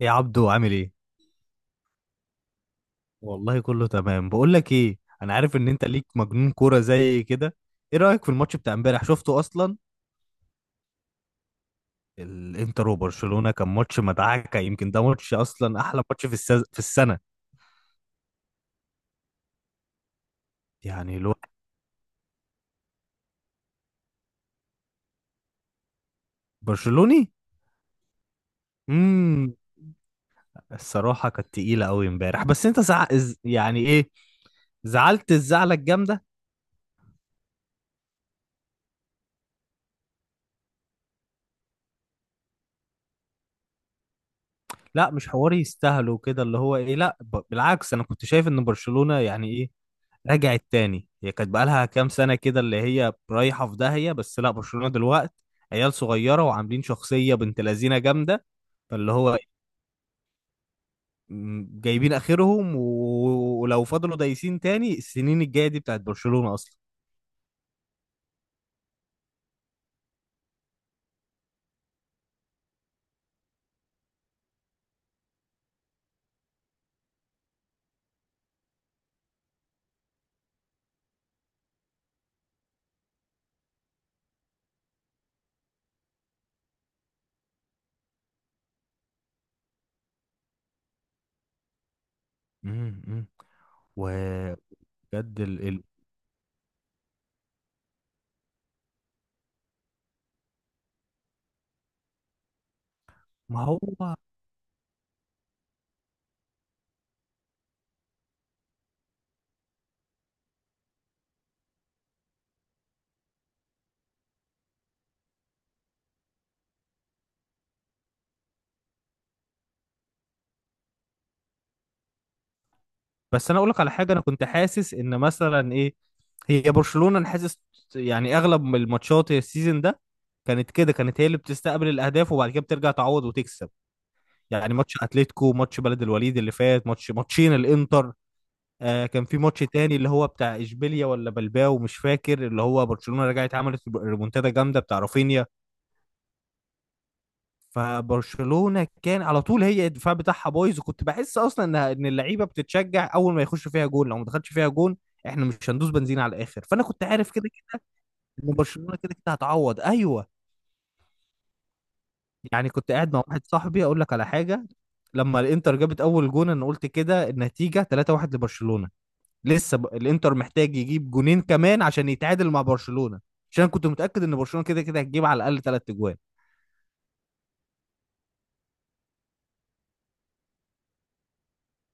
يا عبدو عامل ايه؟ والله كله تمام. بقول لك ايه، انا عارف ان انت ليك مجنون كوره زي كده. ايه رايك في الماتش بتاع امبارح؟ شفته اصلا؟ الانتر وبرشلونه كان ماتش مدعكه، يمكن ده ماتش اصلا احلى ماتش في في السنه. يعني الواحد برشلوني. امم الصراحه كانت تقيله قوي امبارح، بس انت يعني ايه، زعلت الزعلة الجامدة. لا، مش حواري يستاهلوا كده، اللي هو ايه، لا، بالعكس، انا كنت شايف ان برشلونة يعني ايه، رجعت تاني. هي كانت بقالها كام سنة كده اللي هي رايحة في داهية، بس لا، برشلونة دلوقتي عيال صغيرة وعاملين شخصية بنت لذينة جامدة. فاللي هو جايبين آخرهم، ولو فضلوا دايسين تاني، السنين الجاية دي بتاعت برشلونة أصلا. مم، مم. وبجد ال... ال- ما هو بس أنا أقول لك على حاجة، أنا كنت حاسس إن مثلا إيه، هي برشلونة، أنا حاسس يعني أغلب الماتشات السيزون ده كانت كده، كانت هي اللي بتستقبل الأهداف وبعد كده بترجع تعوض وتكسب. يعني ماتش اتلتيكو، ماتش بلد الوليد اللي فات، ماتش ماتشين الانتر، آه كان في ماتش تاني اللي هو بتاع اشبيليا ولا بلباو مش فاكر، اللي هو برشلونة رجعت عملت ريمونتادا جامدة بتاع رافينيا. فبرشلونة كان على طول هي الدفاع بتاعها بايظ، وكنت بحس اصلا ان اللعيبة بتتشجع اول ما يخش فيها جون. لو ما دخلش فيها جون احنا مش هندوس بنزين على الاخر، فانا كنت عارف كده كده ان برشلونة كده كده هتعوض. ايوه، يعني كنت قاعد مع واحد صاحبي. اقول لك على حاجة، لما الانتر جابت اول جون انا قلت كده النتيجة 3-1 لبرشلونة. الانتر محتاج يجيب جونين كمان عشان يتعادل مع برشلونة، عشان كنت متأكد ان برشلونة كده كده هتجيب على الاقل ثلاث اجوان.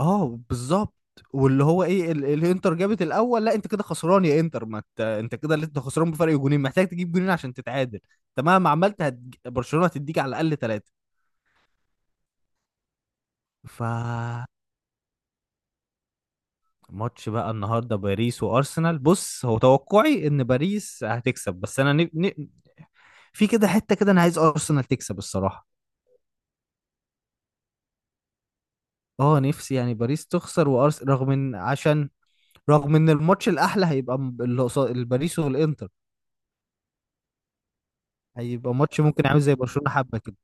اه بالظبط. واللي هو ايه، الانتر جابت الاول، لا انت كده خسران يا انتر، ما ت... انت كده، اللي انت خسران بفرق جونين، محتاج تجيب جونين عشان تتعادل. انت مهما عملت برشلونة هتديك على الاقل ثلاثة. ف ماتش بقى النهارده باريس وارسنال. بص، هو توقعي ان باريس هتكسب، بس انا في كده حته كده انا عايز ارسنال تكسب الصراحه. اه، نفسي يعني باريس تخسر وارس، رغم ان، عشان رغم ان الماتش الاحلى هيبقى اللي قصاد الباريس والانتر، هيبقى ماتش ممكن عامل زي برشلونة حبة كده.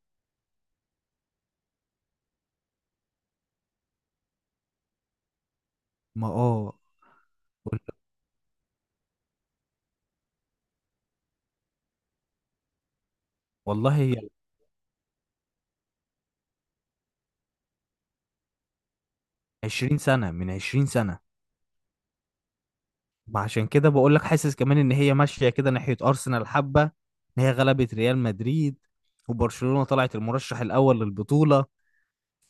ما اه، والله هي 20 سنة، من 20 سنة. ما عشان كده بقول لك، حاسس كمان ان هي ماشية كده ناحية ارسنال حبة، ان هي غلبت ريال مدريد وبرشلونة طلعت المرشح الاول للبطولة.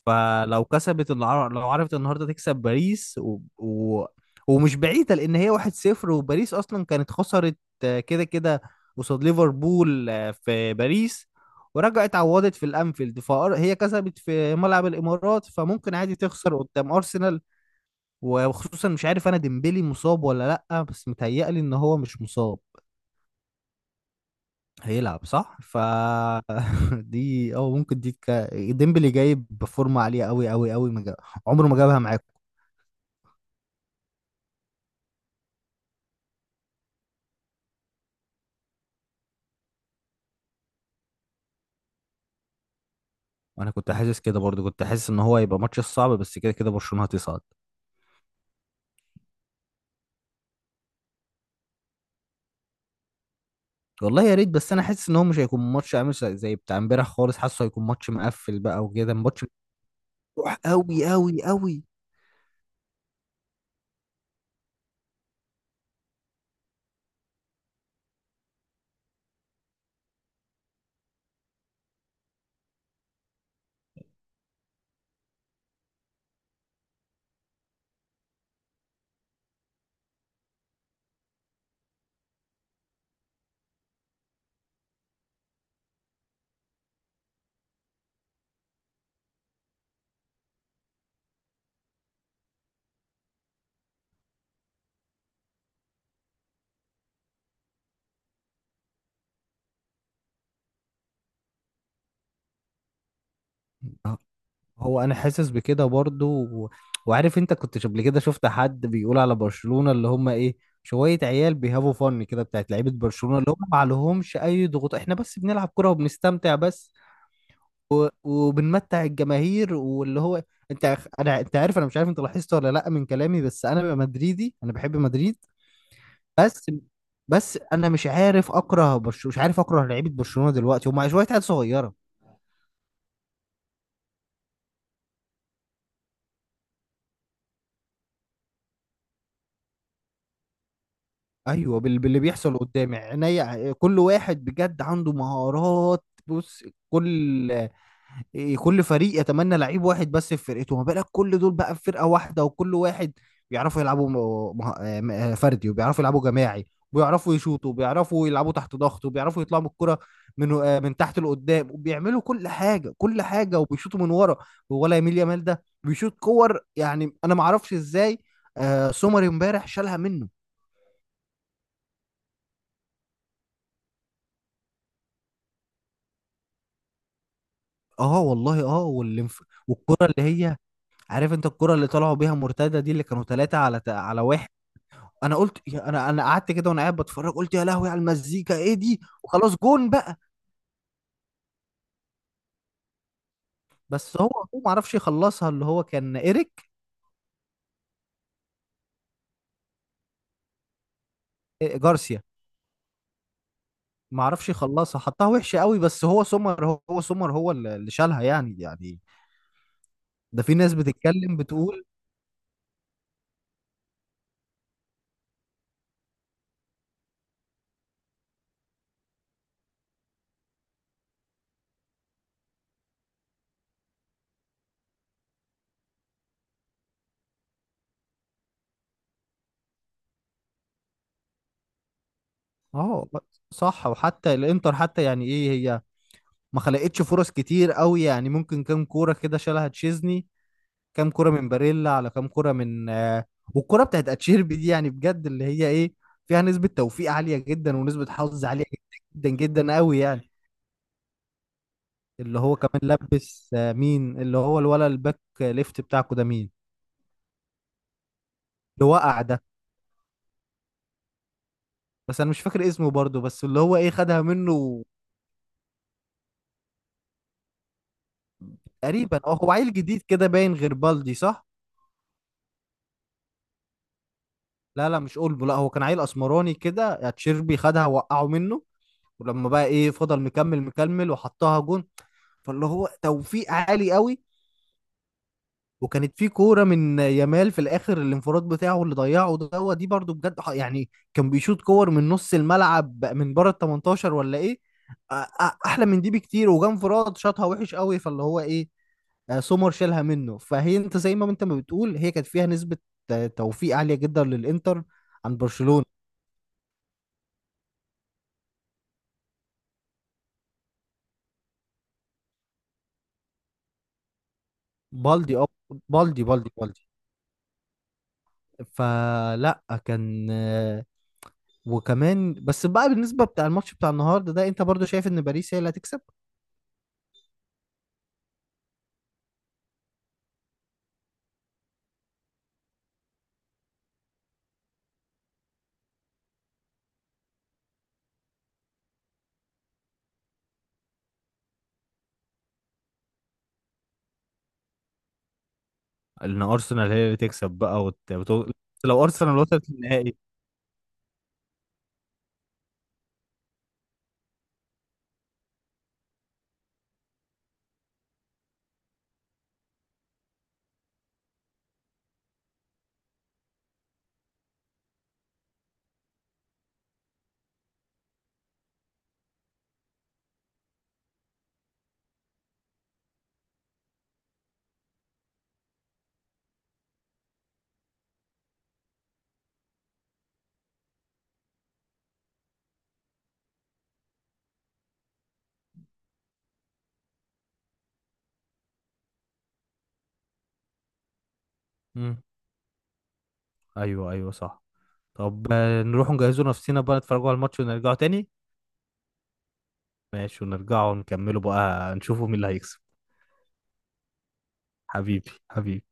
فلو لو عرفت النهارده تكسب باريس ومش بعيده، لان هي 1-0، وباريس اصلا كانت خسرت آه، كده كده قصاد ليفربول آه، في باريس، ورجعت عوضت في الانفيلد، فهي كسبت في ملعب الامارات، فممكن عادي تخسر قدام ارسنال. وخصوصا مش عارف انا ديمبلي مصاب ولا لا، بس متهيألي ان هو مش مصاب. هيلعب صح. دي او ممكن ديمبلي جايب بفورمه عاليه قوي قوي قوي. ما جا- عمره ما جابها معاكم. انا كنت حاسس كده برضو، كنت حاسس ان هو هيبقى ماتش صعب، بس كده كده برشلونة هتصعد. والله يا ريت، بس انا حاسس ان هو مش هيكون ماتش عامل زي زي بتاع امبارح خالص، حاسه هيكون ماتش مقفل بقى، وكده ماتش مفتوح قوي قوي قوي. هو انا حاسس بكده برضو، و... وعارف انت كنت قبل كده شفت حد بيقول على برشلونة اللي هم ايه، شوية عيال بيهافوا فن كده، بتاعت لعيبة برشلونة اللي هم ما عليهمش اي ضغوط، احنا بس بنلعب كرة وبنستمتع بس، وبنمتع الجماهير واللي هو، انت عارف، انا مش عارف انت لاحظت ولا لا من كلامي، بس انا ببقى مدريدي، انا بحب مدريد. بس بس انا مش عارف اكره برشلونه، مش عارف اكره لعيبه برشلونه دلوقتي، هم شويه عيال صغيره. ايوه، باللي بيحصل قدامي عينيا، كل واحد بجد عنده مهارات. بص، كل كل فريق يتمنى لعيب واحد بس في فرقته، ما بالك كل دول بقى في فرقه واحده، وكل واحد بيعرفوا يلعبوا فردي، وبيعرفوا يلعبوا جماعي، وبيعرفوا يشوطوا، وبيعرفوا يلعبوا تحت ضغط، وبيعرفوا يطلعوا بالكرة من من تحت لقدام، وبيعملوا كل حاجه كل حاجه، وبيشوطوا من ورا. ولا يميل يامال ده بيشوط كور يعني انا ما اعرفش ازاي. آه، سومر امبارح شالها منه. اه والله، اه، والكرة اللي هي، عارف انت الكرة اللي طلعوا بيها مرتدة دي اللي كانوا ثلاثة على على واحد، انا قلت انا قعدت كده وانا قاعد بتفرج، قلت يا لهوي على المزيكا ايه دي، وخلاص جون بقى. بس هو، ما عرفش يخلصها، اللي هو كان ايريك، إيه، جارسيا. ما عرفش يخلصها، حطها وحشة قوي، بس هو سومر، هو هو سومر هو اللي شالها يعني يعني. ده في ناس بتتكلم بتقول. اه صح، وحتى الانتر حتى يعني ايه هي ما خلقتش فرص كتير قوي يعني، ممكن كام كورة كده شالها تشيزني، كام كرة من باريلا، على كام كرة من آه، والكرة بتاعت اتشيربي دي يعني بجد اللي هي ايه، فيها نسبة توفيق عالية جدا، ونسبة حظ عالية جدا جدا جدا قوي يعني. اللي هو كمان لبس آه، مين اللي هو، الولا الباك ليفت بتاعكو ده مين، اللي وقع ده. بس انا مش فاكر اسمه برضه، بس اللي هو ايه خدها منه تقريبا. اه، هو عيل جديد كده باين غير بالدي صح. لا لا مش اولبو، لا هو كان عيل اسمراني كده، اتشيربي خدها وقعه منه، ولما بقى ايه فضل مكمل مكمل وحطها جون. فاللي هو توفيق عالي قوي. وكانت في كوره من يامال في الاخر، الانفراد بتاعه اللي ضيعه دوت دي برضو بجد، يعني كان بيشوط كور من نص الملعب من بره ال 18 ولا ايه، احلى من دي بكتير، وجا انفراد شاطها وحش قوي. فاللي هو ايه، آه، سومر شالها منه. فهي انت زي ما انت ما بتقول، هي كانت فيها نسبة آه، توفيق عالية جدا للانتر عن برشلونة. بالدي، اه، بالدي بالدي. فلا كان آه، وكمان بس بقى، بالنسبة بتاع الماتش بتاع النهارده ده، انت برضو شايف ان باريس هي اللي هتكسب، ان ارسنال هي اللي تكسب بقى لو ارسنال وصلت للنهائي. امم، ايوه ايوه صح. طب آه، نروح نجهزوا نفسنا بقى نتفرجوا على الماتش ونرجعوا تاني. ماشي، ونرجعوا نكملوا بقى، نشوفوا مين اللي هيكسب. حبيبي حبيبي.